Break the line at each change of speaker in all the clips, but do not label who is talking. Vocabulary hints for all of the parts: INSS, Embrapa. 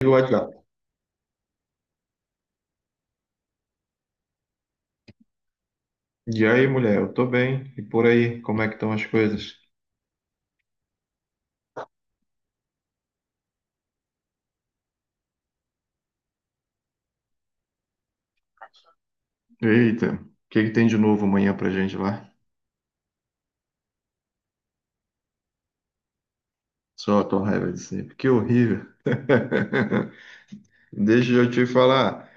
Pelo WhatsApp. E aí, mulher, eu tô bem. E por aí, como é que estão as coisas? Eita, o que que tem de novo amanhã pra gente lá? Só a tua raiva de sempre. Que horrível. Deixa eu te falar.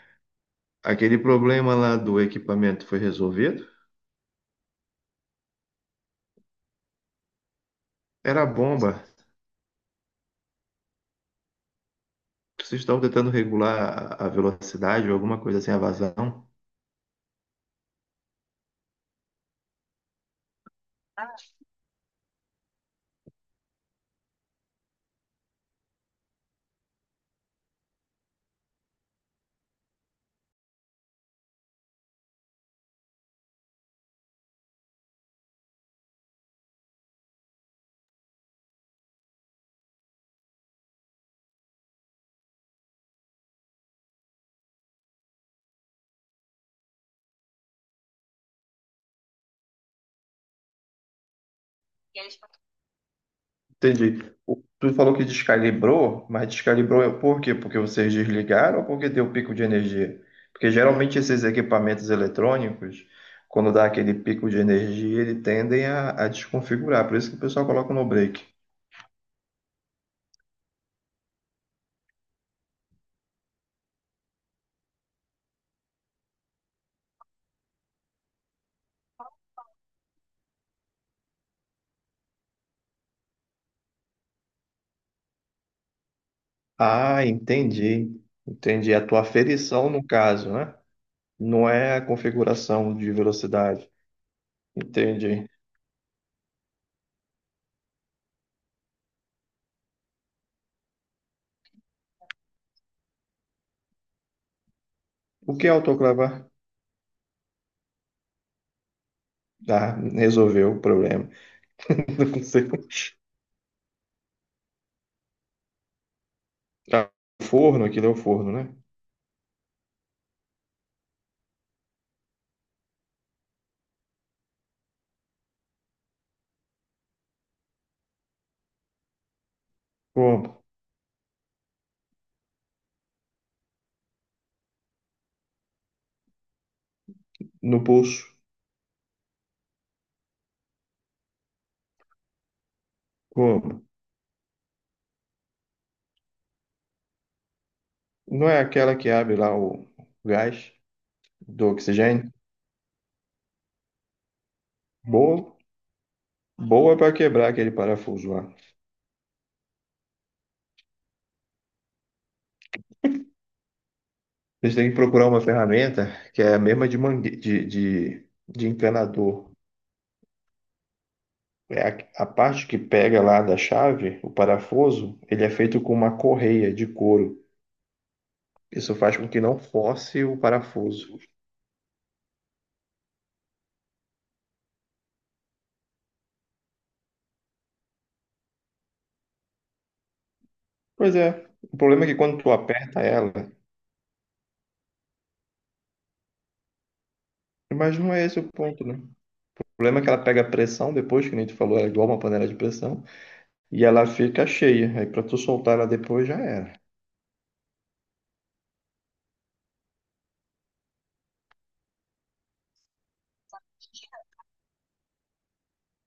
Aquele problema lá do equipamento foi resolvido? Era a bomba. Vocês estão tentando regular a velocidade ou alguma coisa assim, a vazão? Entendi. Tu falou que descalibrou, mas descalibrou é por quê? Porque vocês desligaram ou porque deu pico de energia? Porque geralmente esses equipamentos eletrônicos, quando dá aquele pico de energia, eles tendem a desconfigurar. Por isso que o pessoal coloca no break. Ah, entendi. Entendi. A tua aferição, no caso, né? Não é a configuração de velocidade. Entendi. O que é autoclavar? Ah, resolveu o problema. Não sei. Ah, forno, aquilo é o forno, né? Como? No pulso. Como? Não é aquela que abre lá o gás do oxigênio? Boa, boa para quebrar aquele parafuso lá. Vocês têm que procurar uma ferramenta que é a mesma de, de, de encanador. É a parte que pega lá da chave, o parafuso, ele é feito com uma correia de couro. Isso faz com que não force o parafuso. Pois é, o problema é que quando tu aperta ela, mas não é esse o ponto, né? O problema é que ela pega pressão depois, que nem tu falou, ela é igual uma panela de pressão. E ela fica cheia. Aí pra tu soltar ela depois já era.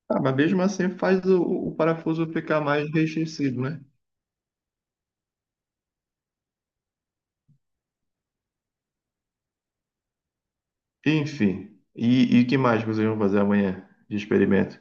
Ah, mas mesmo assim faz o parafuso ficar mais restringido, né? Enfim. E o que mais que vocês vão fazer amanhã de experimento?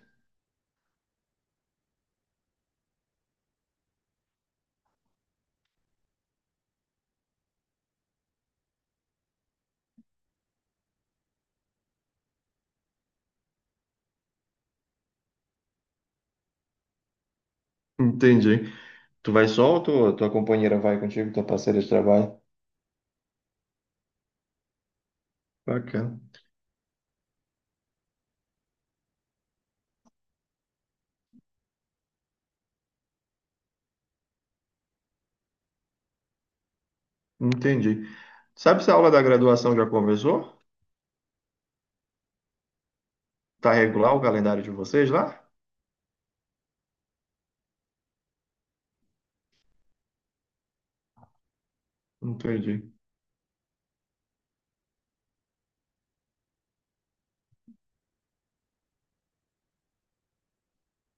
Entendi. Tu vai só ou tua companheira vai contigo, tua parceira de trabalho? Bacana. Entendi. Sabe se a aula da graduação já começou? Tá regular o calendário de vocês lá? Entendi.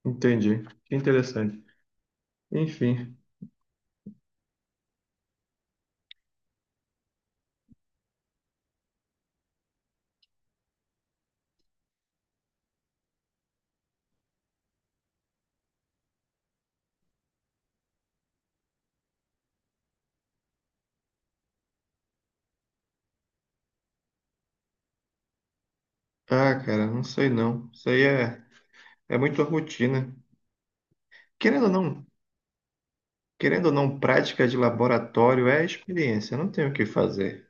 Entendi. Que interessante. Enfim. Ah, cara, não sei não. Isso aí é, é muito rotina. Querendo ou não, querendo ou não, prática de laboratório é experiência, não tem o que fazer.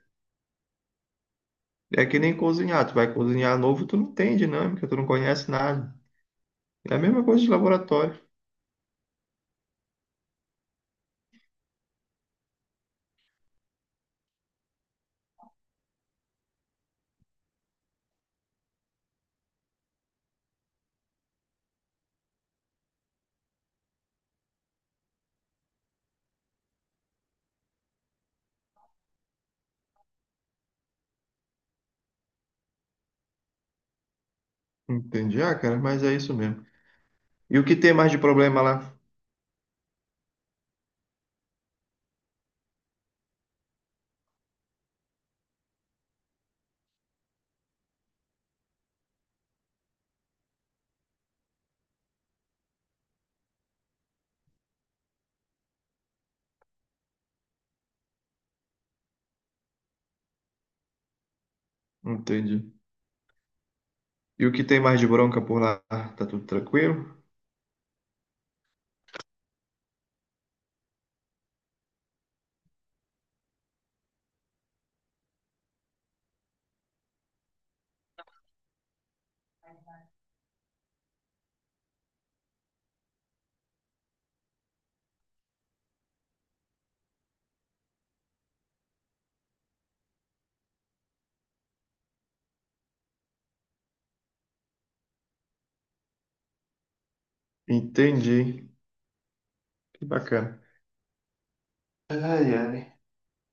É que nem cozinhar, tu vai cozinhar novo, tu não tem dinâmica, tu não conhece nada. É a mesma coisa de laboratório. Entendi, ah, cara, mas é isso mesmo. E o que tem mais de problema lá? Entendi. E o que tem mais de bronca por lá? Ah, tá tudo tranquilo? Entendi. Que bacana. Ai, ai.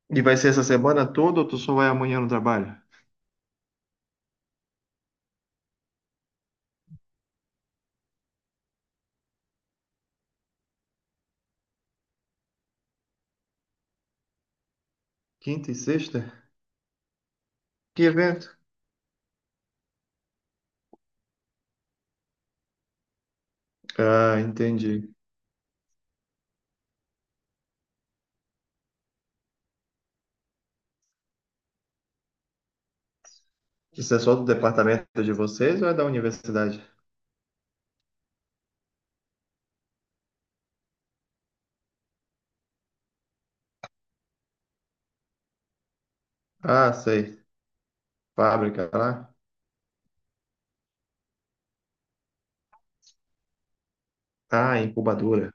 E vai ser essa semana toda ou tu só vai amanhã no trabalho? Quinta e sexta? Que evento? Ah, entendi. Isso é só do departamento de vocês ou é da universidade? Ah, sei. Fábrica lá. Ah, incubadora.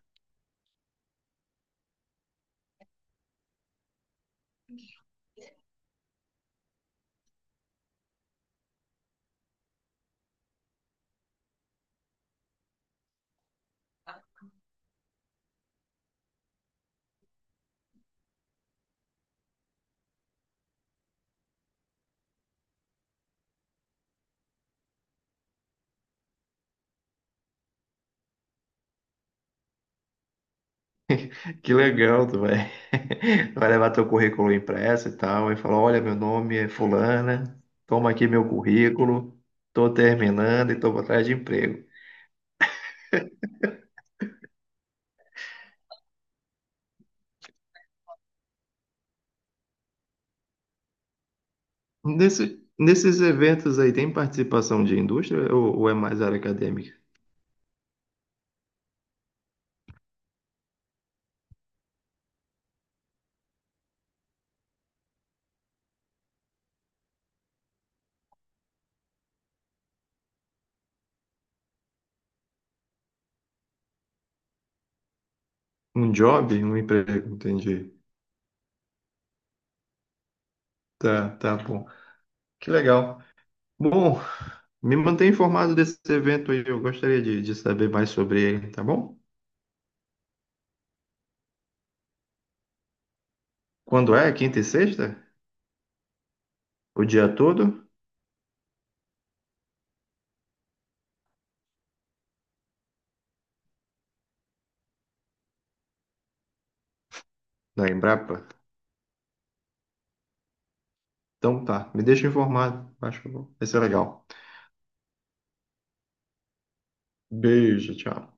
Que legal, tu vai. Vai levar teu currículo impresso e tal, e falar, olha, meu nome é fulana, toma aqui meu currículo, tô terminando e tô atrás de emprego. Nesse, nesses eventos aí, tem participação de indústria ou é mais área acadêmica? Um job, um emprego, entendi. Tá, tá bom. Que legal. Bom, me mantém informado desse evento aí, eu gostaria de saber mais sobre ele, tá bom? Quando é? Quinta e sexta? O dia todo? Na Embrapa? Então tá, me deixa informado. Acho que eu vai ser legal. Beijo, tchau.